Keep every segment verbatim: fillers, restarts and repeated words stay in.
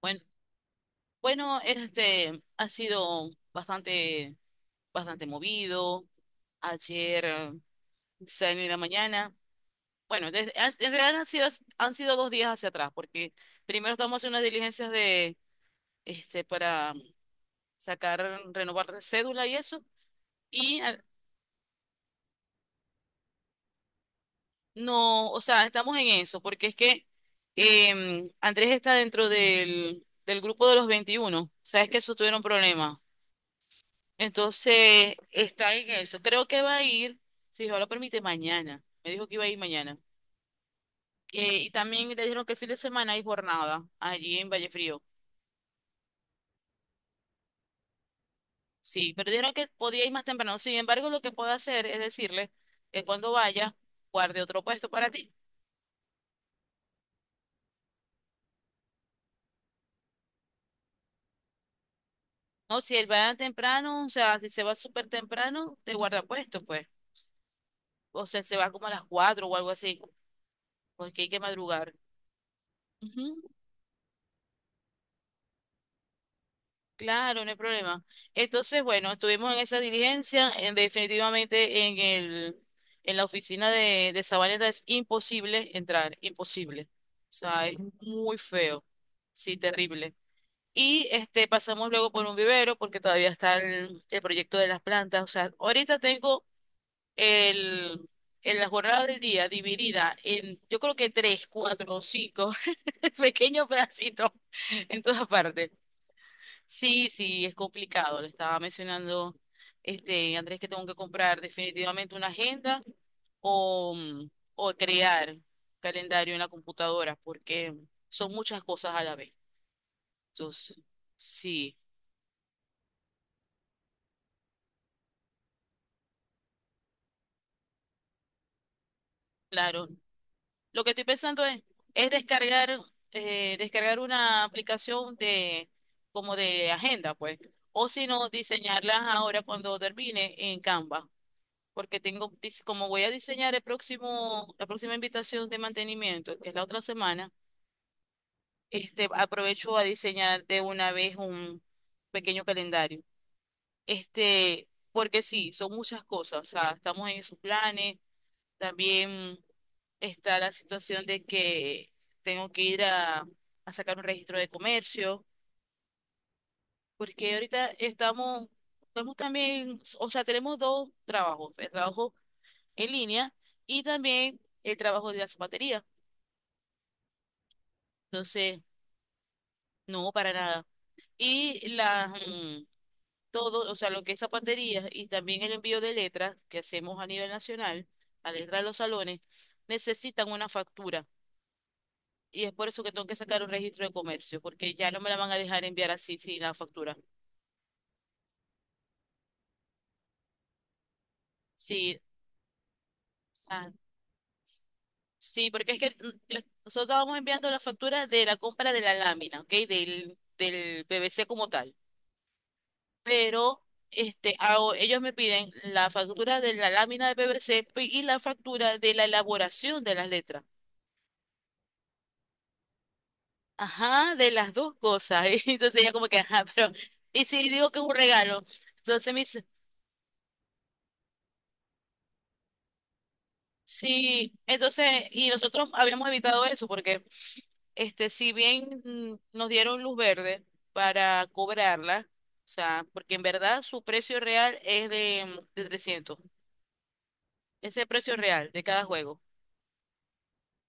Bueno, bueno, este ha sido bastante, bastante movido. Ayer eh, salí de la mañana. Bueno, desde- an- en realidad han sido, han sido dos días hacia atrás, porque primero estamos haciendo unas diligencias de, este, para sacar, renovar cédula y eso. Y ah, no, o sea, estamos en eso, porque es que em, Andrés está dentro del, del grupo de los veintiuno. Sabes que eso tuvieron problemas. Entonces, está en eso. Creo que va a ir, si Dios lo permite, mañana. Me dijo que iba a ir mañana. Que, y también le dijeron que el fin de semana hay jornada allí en Vallefrío. Sí, pero dijeron que podía ir más temprano. Sin embargo, lo que puedo hacer es decirle que cuando vaya, guarde otro puesto para ti. No, si él va temprano, o sea, si se va súper temprano, te guarda puesto, pues. O sea, se va como a las cuatro o algo así, porque hay que madrugar. Ujú. Claro, no hay problema. Entonces, bueno, estuvimos en esa diligencia, en- definitivamente en el, en la oficina de, de Sabaneta es imposible entrar, imposible. O sea, es muy feo, sí, terrible. Y este, pasamos luego por un vivero porque todavía está el, el proyecto de las plantas. O sea, ahorita tengo el, en la jornada del día dividida en, yo creo que tres, cuatro o cinco pequeños pedacitos en todas partes. Sí, sí, es complicado. Le estaba mencionando, este, Andrés, que tengo que comprar definitivamente una agenda o, mm, o crear calendario en la computadora, porque son muchas cosas a la vez. Entonces, sí, claro. Lo que estoy pensando es, es descargar, eh, descargar una aplicación de, como de agenda, pues. O si no, diseñarlas ahora cuando termine en Canva. Porque tengo, dis- como voy a diseñar el próximo, la próxima invitación de mantenimiento, que es la otra semana, este, aprovecho a diseñar de una vez un pequeño calendario. Este, porque sí, son muchas cosas, o sea, estamos en esos planes, también está la situación de que tengo que ir a, a sacar un registro de comercio, porque ahorita estamos, estamos también, o sea, tenemos dos trabajos, el trabajo en línea y también el trabajo de la zapatería. Entonces, no, para nada. Y las, mm, todo, o sea, lo que es zapatería y también el envío de letras que hacemos a nivel nacional, a letras de los salones, necesitan una factura. Y es por eso que tengo que sacar un registro de comercio, porque ya no me la van a dejar enviar así sin la factura. Sí, ah, sí, porque es que mm, yo- nosotros estábamos enviando la factura de la compra de la lámina, ¿ok? Del, del PVC como tal. Pero este, hago- ellos me piden la factura de la lámina de PVC pe- y la factura de la elaboración de las letras. Ajá, de las dos cosas. Y entonces ella como que, ajá, pero, y si digo que es un regalo, entonces me dice, sí, entonces, y nosotros habíamos evitado eso porque, este, si bien mm, nos dieron luz verde para cobrarla, o sea, porque en verdad su precio real es de, mm, de trescientos. Ese precio real de cada juego.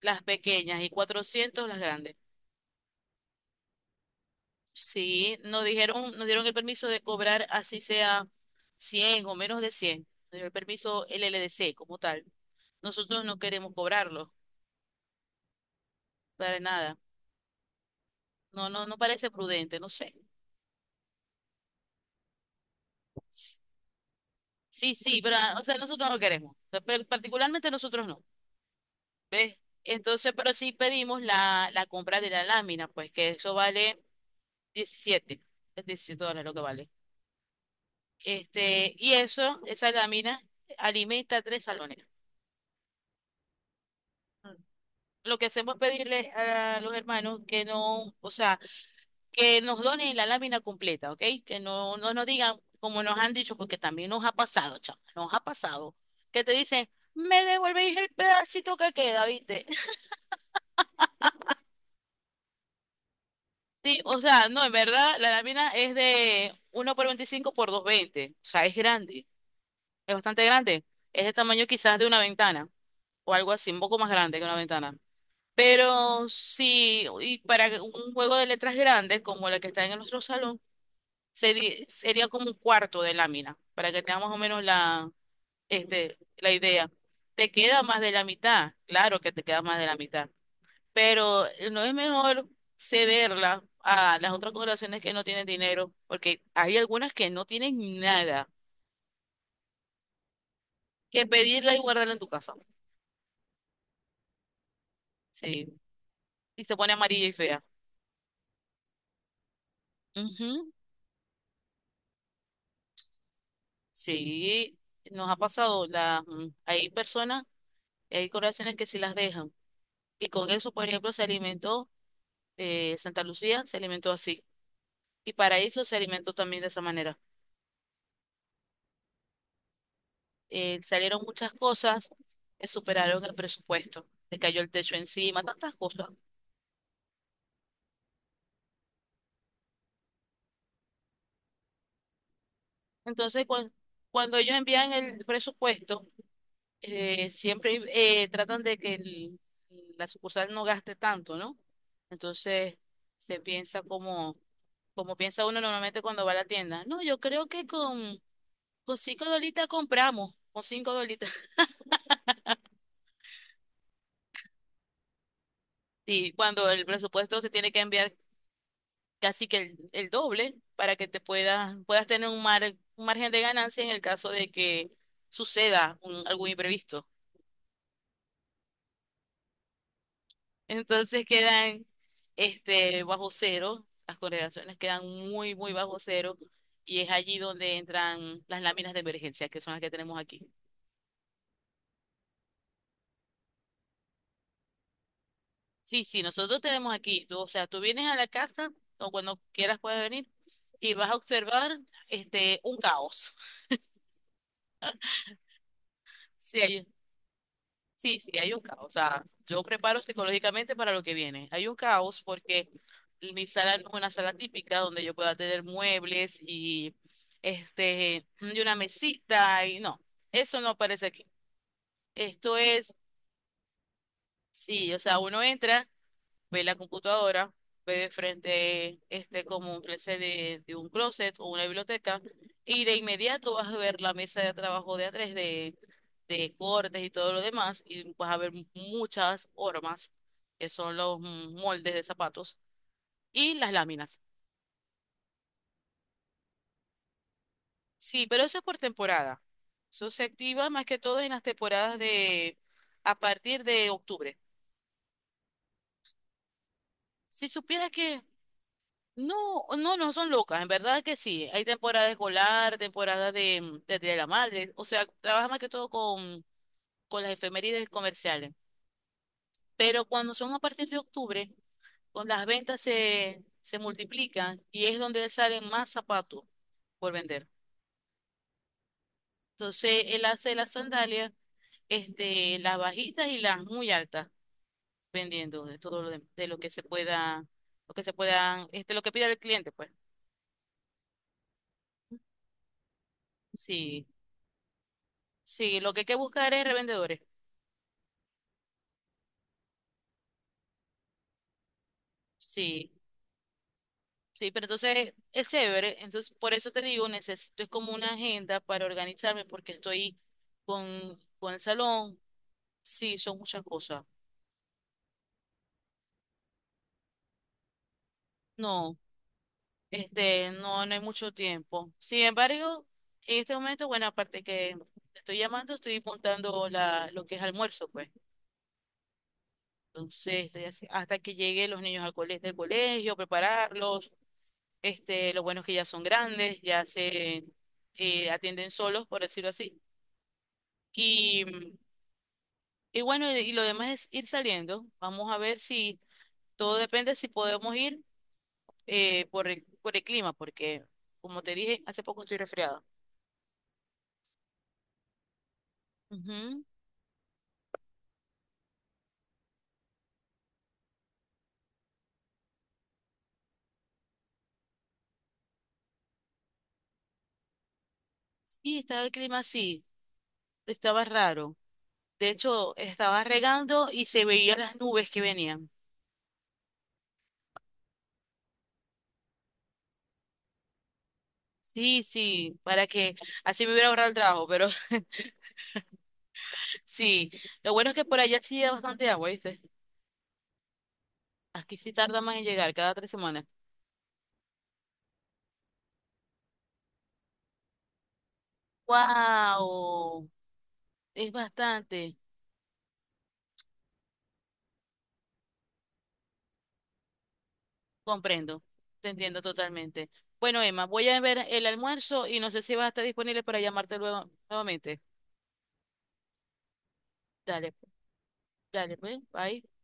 Las pequeñas y cuatrocientos las grandes. Sí, nos dijeron, nos dieron el permiso de cobrar así sea cien o menos de cien. Nos dio el permiso L L D C como tal. Nosotros no queremos cobrarlo para nada. No, no, no parece prudente, no sé. Sí, sí, pero ah, o sea, nosotros no queremos. Pero particularmente nosotros no. ¿Ves? Entonces, pero sí pedimos la, la compra de la lámina, pues que eso vale diecisiete, es diecisiete dólares lo que vale. Este, y eso, esa lámina alimenta tres salones. Lo que hacemos es pedirle a los hermanos que no, o sea, que nos donen la lámina completa, ¿ok? Que no, no nos digan como nos han dicho, porque también nos ha pasado, chama, nos ha pasado, que te dicen, me devolvéis el pedacito que queda, ¿viste? Sí, o sea, no, en verdad, la lámina es de uno por veinticinco por doscientos veinte, o sea, es grande, es bastante grande, es de tamaño quizás de una ventana, o algo así, un poco más grande que una ventana. Pero sí, y para que un juego de letras grandes como la que está en nuestro salón, sería, sería como un cuarto de lámina, para que tenga más o menos la, este, la idea. Te queda más de la mitad, claro que te queda más de la mitad, pero no es mejor cederla a las otras corporaciones que no tienen dinero, porque hay algunas que no tienen nada, que pedirla y guardarla en tu casa. Sí, y se pone amarilla y fea. Ujú. Sí, nos ha pasado, la, mm, hay personas, hay corporaciones que sí las dejan. Y con eso, por ejemplo, se alimentó eh, Santa Lucía, se alimentó así. Y Paraíso se alimentó también de esa manera. Eh, salieron muchas cosas que superaron el presupuesto. Le cayó el techo encima, tantas cosas. Entonces, cuan- cuando ellos envían el presupuesto, eh, siempre eh, tratan de que el- la sucursal no gaste tanto, ¿no? Entonces se piensa como, como piensa uno normalmente cuando va a la tienda. No, yo creo que con, con cinco dolitas compramos, con cinco dolitas. Y cuando el presupuesto se tiene que enviar casi que el, el doble para que te puedas, puedas tener un, mar, un margen de ganancia en el caso de que suceda un- algún imprevisto. Entonces quedan este, bajo cero, las correlaciones quedan muy, muy bajo cero y es allí donde entran las láminas de emergencia, que son las que tenemos aquí. Sí, sí, nosotros tenemos aquí, tú, o sea, tú vienes a la casa o cuando quieras puedes venir y vas a observar este, un caos. Sí, sí, sí, hay un caos. O sea, yo preparo psicológicamente para lo que viene. Hay un caos porque mi sala no es una sala típica donde yo pueda tener muebles y este y una mesita y no, eso no aparece aquí. Esto es, sí, o sea, uno entra, ve la computadora, ve de frente este como un closet de, de un closet o una biblioteca y de inmediato vas a ver la mesa de trabajo de A tres de cortes y todo lo demás, y vas a ver muchas hormas, que son los mm, moldes de zapatos, y las láminas. Sí, pero eso es por temporada. Eso se activa más que todo en las temporadas de a partir de octubre. Si supieras que no, no, no son locas, en verdad que sí. Hay temporada escolar, temporada de, mm, de, Día de la madre, o sea, trabaja más que todo con, con las efemérides comerciales. Pero cuando son a partir de octubre, con las ventas se, se multiplican y es donde salen más zapatos por vender. Entonces, él hace las sandalias, este, las bajitas y las muy altas, vendiendo de todo lo de, de lo que se pueda, lo que se puedan, este, lo que pida el cliente, pues. Sí, sí, lo que hay que buscar es revendedores. Sí, sí, pero entonces es chévere. Entonces, por eso te digo, necesito, es como una agenda para organizarme porque estoy con, con el salón. Sí, son muchas cosas. No. Este, no, no hay mucho tiempo. Sin embargo, en este momento, bueno, aparte que te estoy llamando, estoy apuntando la, lo que es almuerzo, pues. Entonces, eh, así- hasta que lleguen los niños al colegio, del colegio, prepararlos. Este, lo bueno es que ya son grandes, ya se eh, atienden solos, por decirlo así. Y, y bueno, y lo demás es ir saliendo. Vamos a ver si todo depende si podemos ir eh, por el, por el clima, porque como te dije, hace poco estoy resfriada. Ujú. Sí, estaba el clima así, estaba raro. De hecho, estaba regando y se veían las nubes que venían. Sí, sí, para que así me hubiera ahorrado el trabajo, pero sí. Lo bueno es que por allá sí hay bastante agua, ¿viste? Aquí sí tarda más en llegar, cada tres semanas. ¡Wow! Es bastante. Comprendo, te entiendo totalmente. Bueno, Emma, voy a ver el almuerzo y no sé si vas a estar disponible para llamarte luego nuevamente. Dale, dale, pues, bye.